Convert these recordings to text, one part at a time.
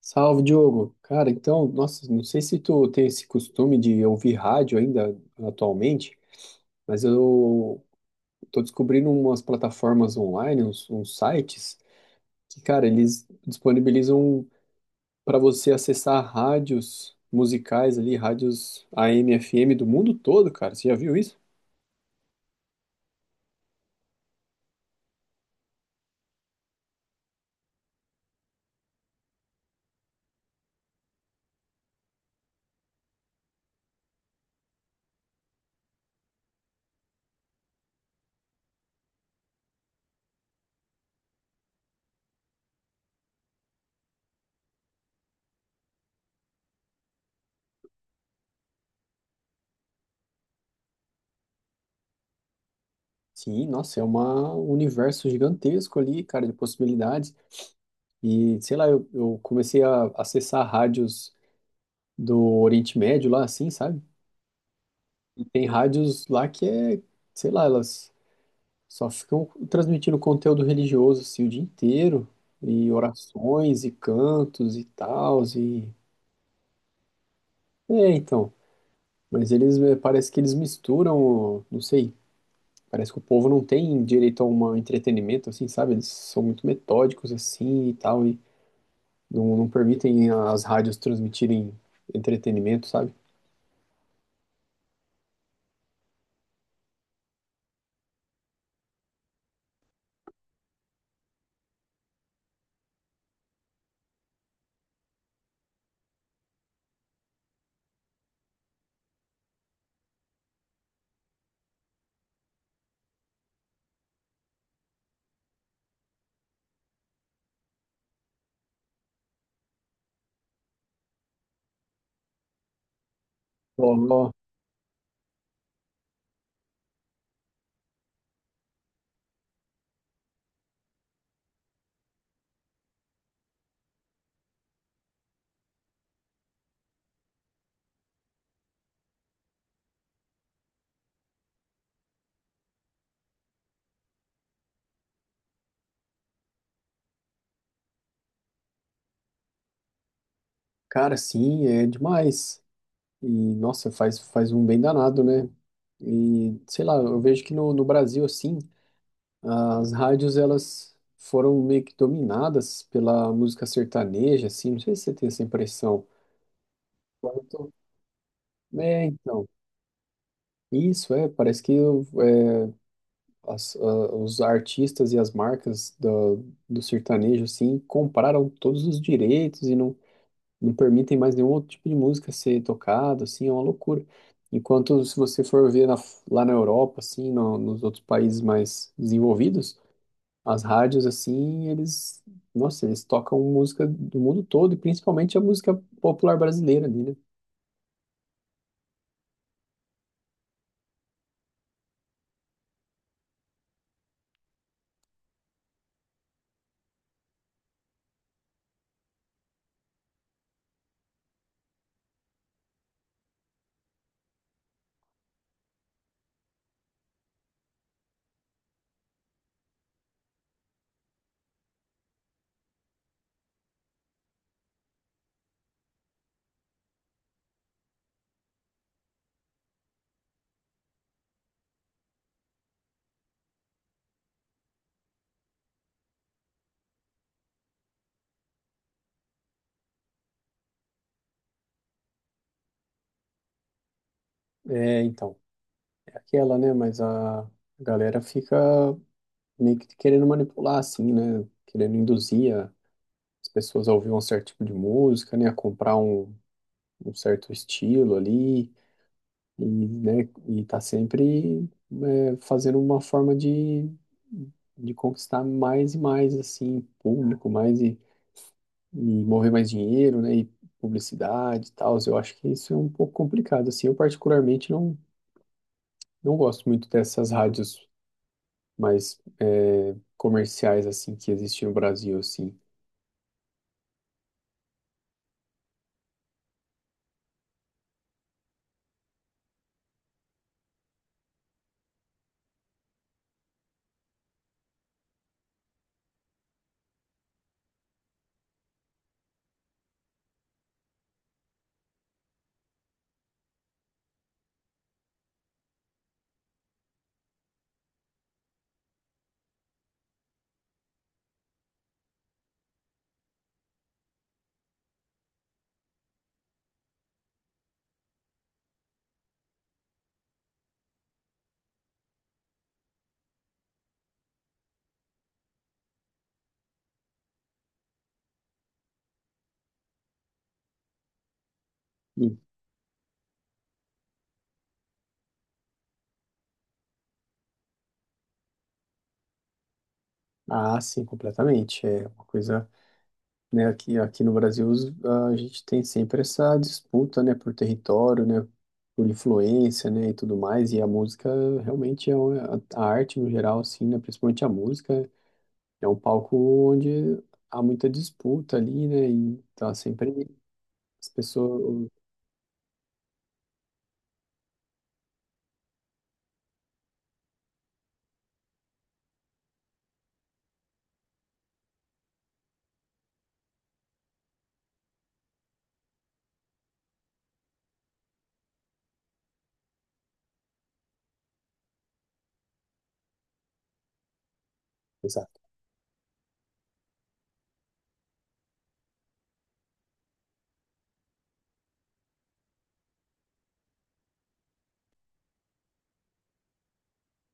Salve, Diogo. Cara, então, nossa, não sei se tu tem esse costume de ouvir rádio ainda atualmente, mas eu tô descobrindo umas plataformas online, uns sites que, cara, eles disponibilizam para você acessar rádios musicais ali, rádios AM, FM do mundo todo, cara. Você já viu isso? Sim, nossa, é um universo gigantesco ali, cara, de possibilidades. E, sei lá, eu comecei a acessar rádios do Oriente Médio lá, assim, sabe? Tem rádios lá que é, sei lá, elas só ficam transmitindo conteúdo religioso assim o dia inteiro, e orações e cantos e tal e é, então, mas eles parece que eles misturam, não sei, parece que o povo não tem direito a um entretenimento, assim, sabe? Eles são muito metódicos assim e tal e não permitem as rádios transmitirem entretenimento, sabe? Ó, ó, cara, sim, é demais. E, nossa, faz um bem danado, né? E, sei lá, eu vejo que no Brasil, assim, as rádios, elas foram meio que dominadas pela música sertaneja, assim, não sei se você tem essa impressão. Quanto- É, então, isso, é, parece que é, as- a- os artistas e as marcas do sertanejo, assim, compraram todos os direitos e não permitem mais nenhum outro tipo de música ser tocado, assim, é uma loucura. Enquanto, se você for ver na- lá na Europa, assim, no- nos outros países mais desenvolvidos, as rádios, assim, eles, nossa, eles tocam música do mundo todo, e principalmente a música popular brasileira ali, né? É, então, é aquela, né? Mas a galera fica meio que querendo manipular, assim, né? Querendo induzir a- as pessoas a ouvir um certo tipo de música, né? A comprar um, um certo estilo ali. E, né, e tá sempre é, fazendo uma forma de conquistar mais e mais, assim, público, mais e mover mais dinheiro, né, e publicidade e tal. Eu acho que isso é um pouco complicado, assim. Eu particularmente não gosto muito dessas rádios mais é, comerciais, assim, que existem no Brasil, assim. E- ah, sim, completamente. É uma coisa, né? Aqui no Brasil os- a gente tem sempre essa disputa, né, por território, né, por influência, né, e tudo mais. E a música realmente é uma, a arte no geral, assim, né, principalmente a música é um palco onde há muita disputa ali, né, e tá sempre as pessoas. Exato.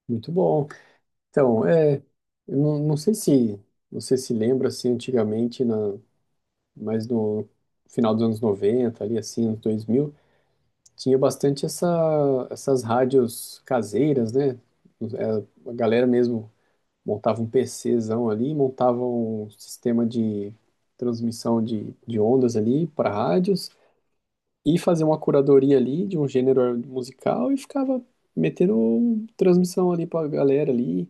Muito bom. Então, é, eu não sei se você se lembra assim antigamente na, mas no final dos anos 90 ali, assim, anos 2000, tinha bastante essa, essas rádios caseiras, né? É, a galera mesmo montava um PCzão ali, montava um sistema de transmissão de ondas ali para rádios e fazia uma curadoria ali de um gênero musical e ficava metendo transmissão ali para a galera ali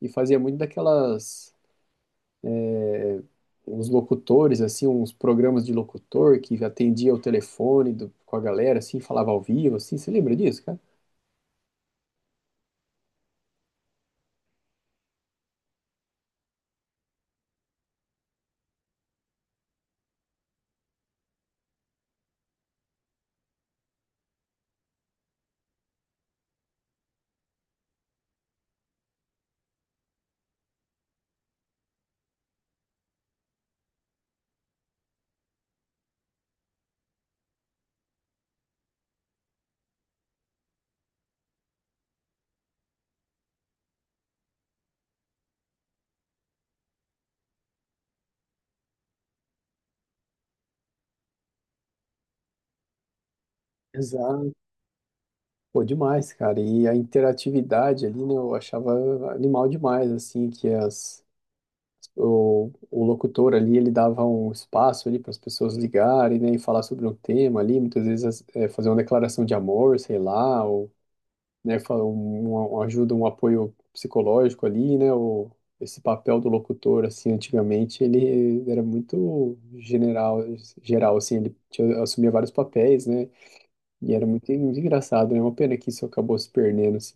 e fazia muito daquelas, uns locutores assim, uns programas de locutor que atendia o telefone do- com a galera assim, falava ao vivo assim, você lembra disso, cara? Pô, demais, cara. E a interatividade ali, né, eu achava animal demais, assim, que as, o locutor ali, ele dava um espaço ali para as pessoas ligarem, né, e falar sobre um tema ali, muitas vezes as- é, fazer uma declaração de amor, sei lá, ou, né, falar um, uma ajuda, um apoio psicológico ali, né, o, esse papel do locutor, assim, antigamente, ele era muito general, geral, assim, ele tinha, assumia vários papéis, né, e era muito engraçado, né? Uma pena que isso acabou se perdendo, assim.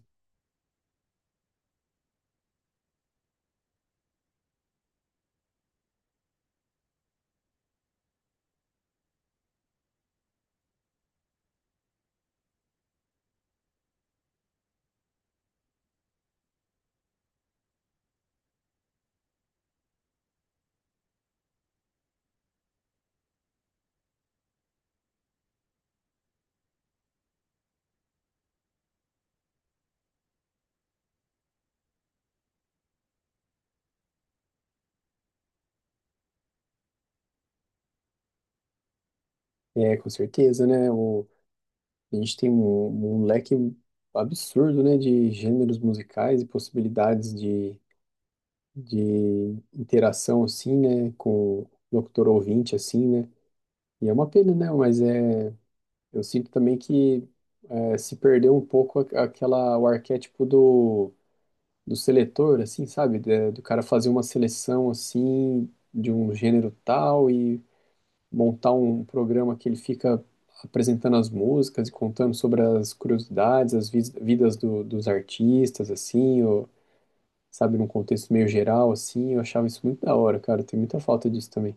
É, com certeza, né? O, a gente tem um, um leque absurdo, né, de gêneros musicais e possibilidades de interação, assim, né, com o locutor ouvinte, assim, né? E é uma pena, né? Mas é, eu sinto também que é, se perdeu um pouco a- aquela, o arquétipo do, do seletor, assim, sabe? Da- do cara fazer uma seleção, assim, de um gênero tal, montar um programa que ele fica apresentando as músicas e contando sobre as curiosidades, as vis- vidas do- dos artistas, assim, ou, sabe, num contexto meio geral, assim, eu achava isso muito da hora, cara, tem muita falta disso também.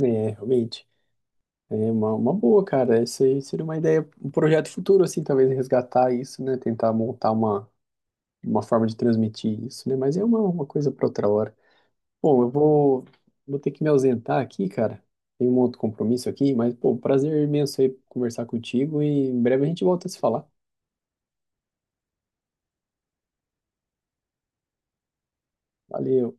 É, realmente, é uma boa, cara, isso aí seria uma ideia, um projeto futuro, assim, talvez resgatar isso, né, tentar montar uma forma de transmitir isso, né, mas é uma coisa para outra hora. Bom, eu vou, vou ter que me ausentar aqui, cara. Tem um outro compromisso aqui, mas, pô, prazer imenso aí conversar contigo e em breve a gente volta a se falar. Valeu.